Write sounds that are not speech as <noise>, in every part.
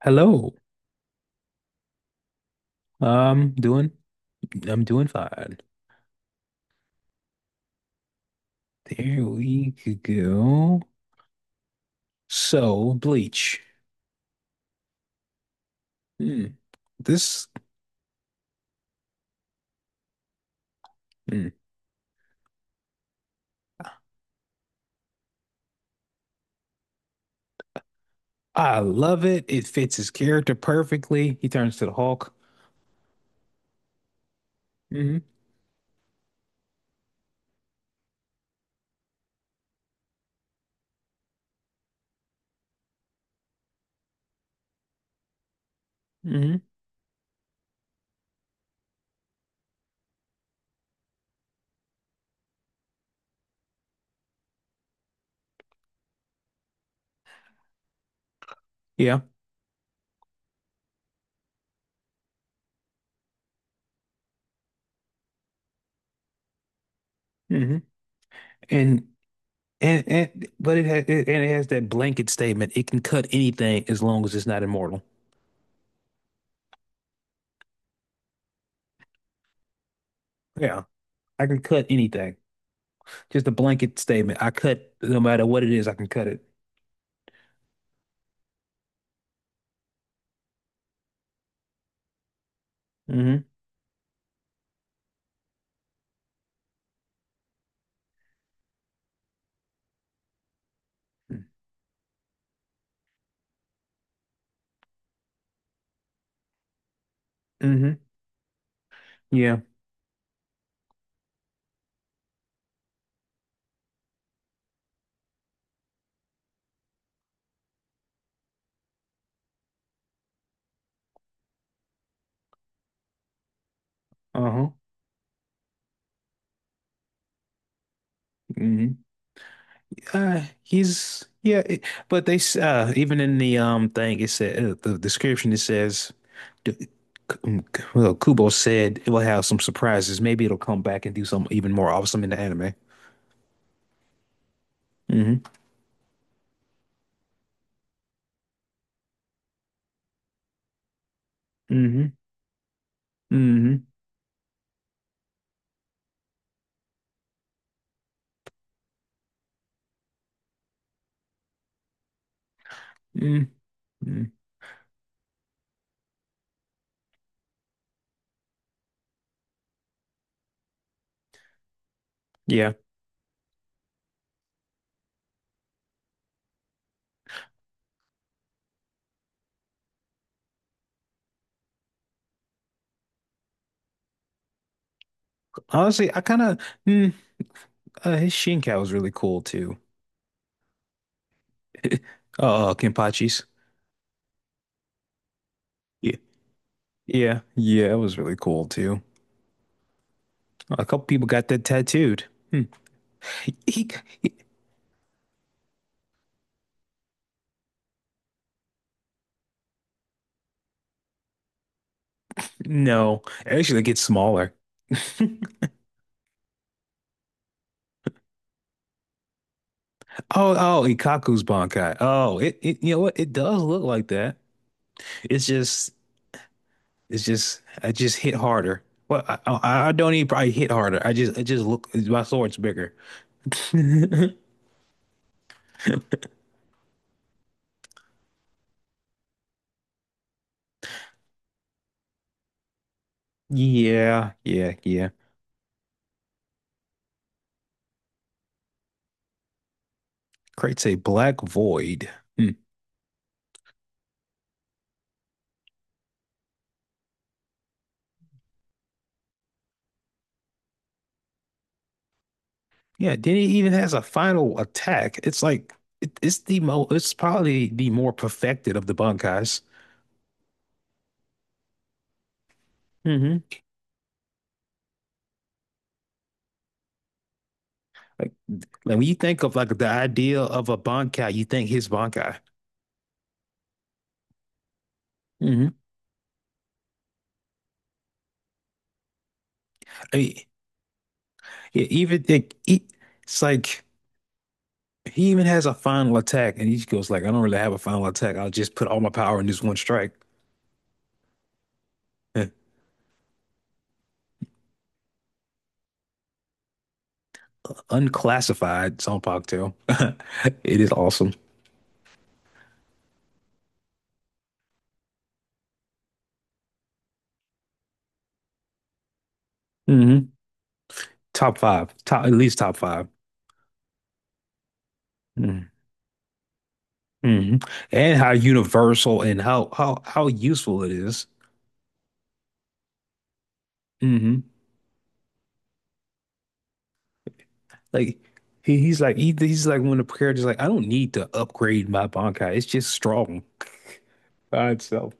Hello. Doing I'm doing fine. There we could go. So, Bleach. Hmm. This Hmm. I love it. It fits his character perfectly. He turns to the Hulk. Hmm. Hmm. Yeah. Hmm. And and but it has it, and it has that blanket statement. It can cut anything as long as it's not immortal. Yeah. I can cut anything. Just a blanket statement. I cut no matter what it is, I can cut it. Hmm. Hmm. Yeah. Uh-huh. Mhm. He's, yeah, even in the thing it said, the description it says, d- well, Kubo said it will have some surprises. Maybe it'll come back and do something even more awesome in the anime. Hmm. Hmm. Hmm. Mm. Mm. Yeah, honestly, I kind of mm, his Shinkai was really cool too. <laughs> Kenpachi's. Yeah, yeah, yeah, it was really cool too. A couple people got that tattooed. Hmm. He No, actually, it gets smaller. <laughs> Oh, oh, Ikkaku's Bankai. Oh, you know what? It does look like that. It's just, it's just, I just hit harder. Well, I don't even probably hit harder. It just look, my sword's bigger. <laughs> Yeah, yeah, yeah. Creates a black void. Hmm. Yeah, then it even has a final attack. It's like, it's probably the more perfected of the Bankais. Mm-hmm. Like, when you think of like the idea of a bankai, you think his bankai. Hmm. I mean, yeah, it's like he even has a final attack, and he just goes like, "I don't really have a final attack. I'll just put all my power in this one strike." <laughs> Unclassified song cocktail. <laughs> It is awesome. Hmm. Top five, top at least top five. Mm-hmm. And how universal and how useful it is. Like he's like one of the characters, like I don't need to upgrade my Bankai. It's just strong by itself.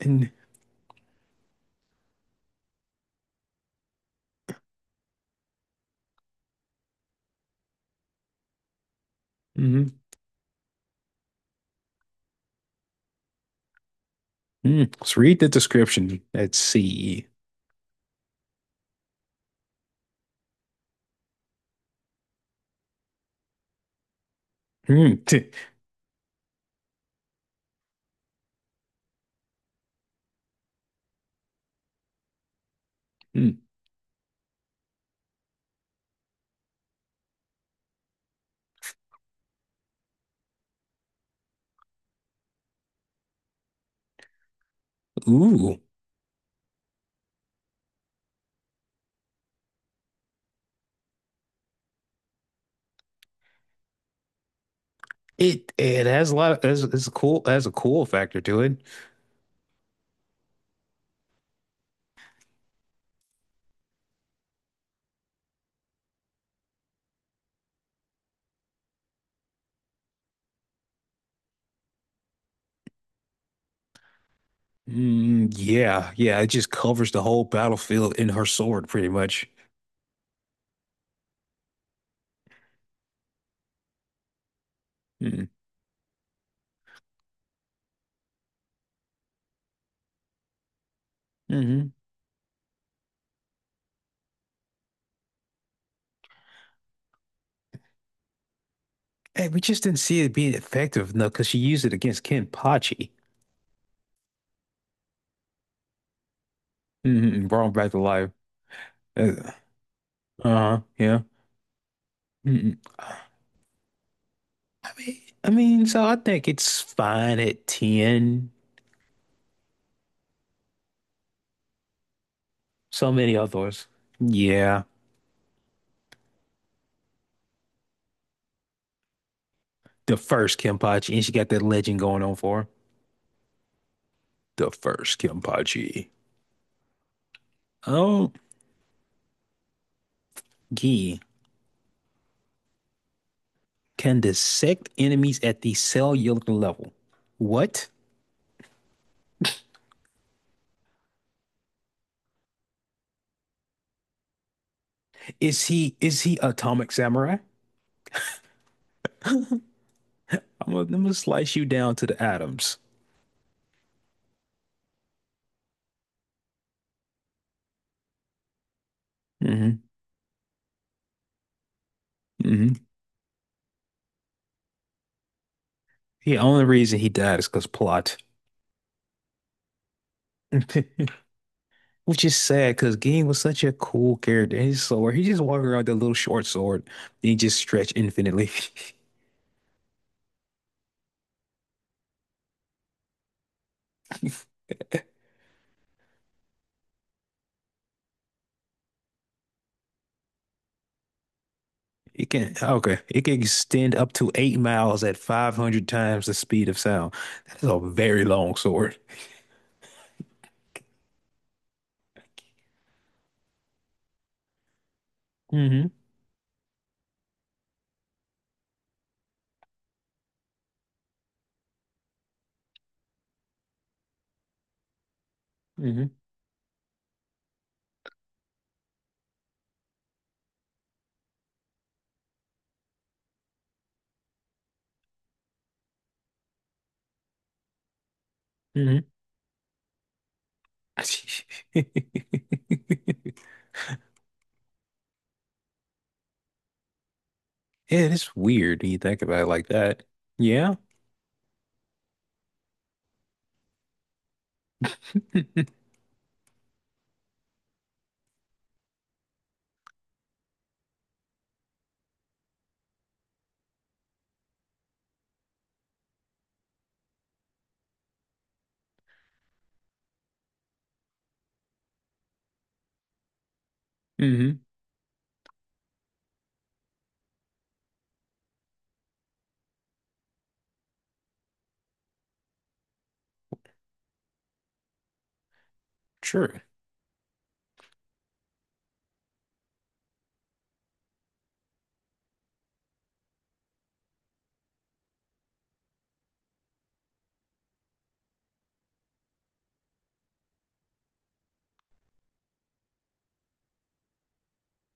And Mhm. Mm. Let's read the description. Let's see. Mm. Mm. <laughs> Ooh. It has a lot of, it's a cool, it has a cool factor to it. Mm, yeah, yeah. It just covers the whole battlefield in her sword pretty much. Mm. Hmm. Mm-hmm. Hey, we just didn't see it being effective enough because she used it against Kenpachi. Mm-hmm. Brought him back to life. Uh, uh-huh. Yeah. Mm-mm. I mean, I mean, so I think it's fine at 10. So many others. Yeah. The first Kenpachi. And she got that legend going on for her. The first Kenpachi. Oh, gee. Can dissect enemies at the cellular level. What? Is he Atomic Samurai? I'm gonna slice you down to the atoms. Hmm. Hmm. The only reason he died is because plot. <laughs> Which is sad because Ging was such a cool character. His sword, he just walked around with a little short sword. He just stretched infinitely. <laughs> It can extend up to 8 miles at 500 times the speed of sound. That is a very long sword. Hmm. Hmm. Hmm. <laughs> Yeah, it's weird when you think about it like that. Yeah. <laughs> Hmm. True.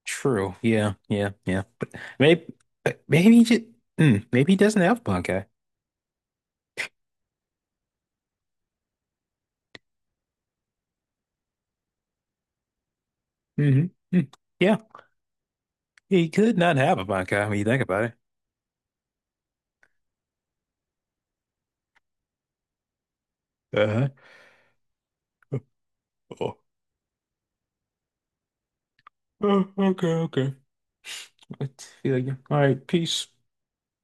True. Yeah. Yeah. Yeah. But maybe, maybe he just, maybe he doesn't have punk. Hmm. Yeah, he could not have a bankai when you think about it. Uh-huh. Oh, oh, okay, okay. I feel you. All right, peace.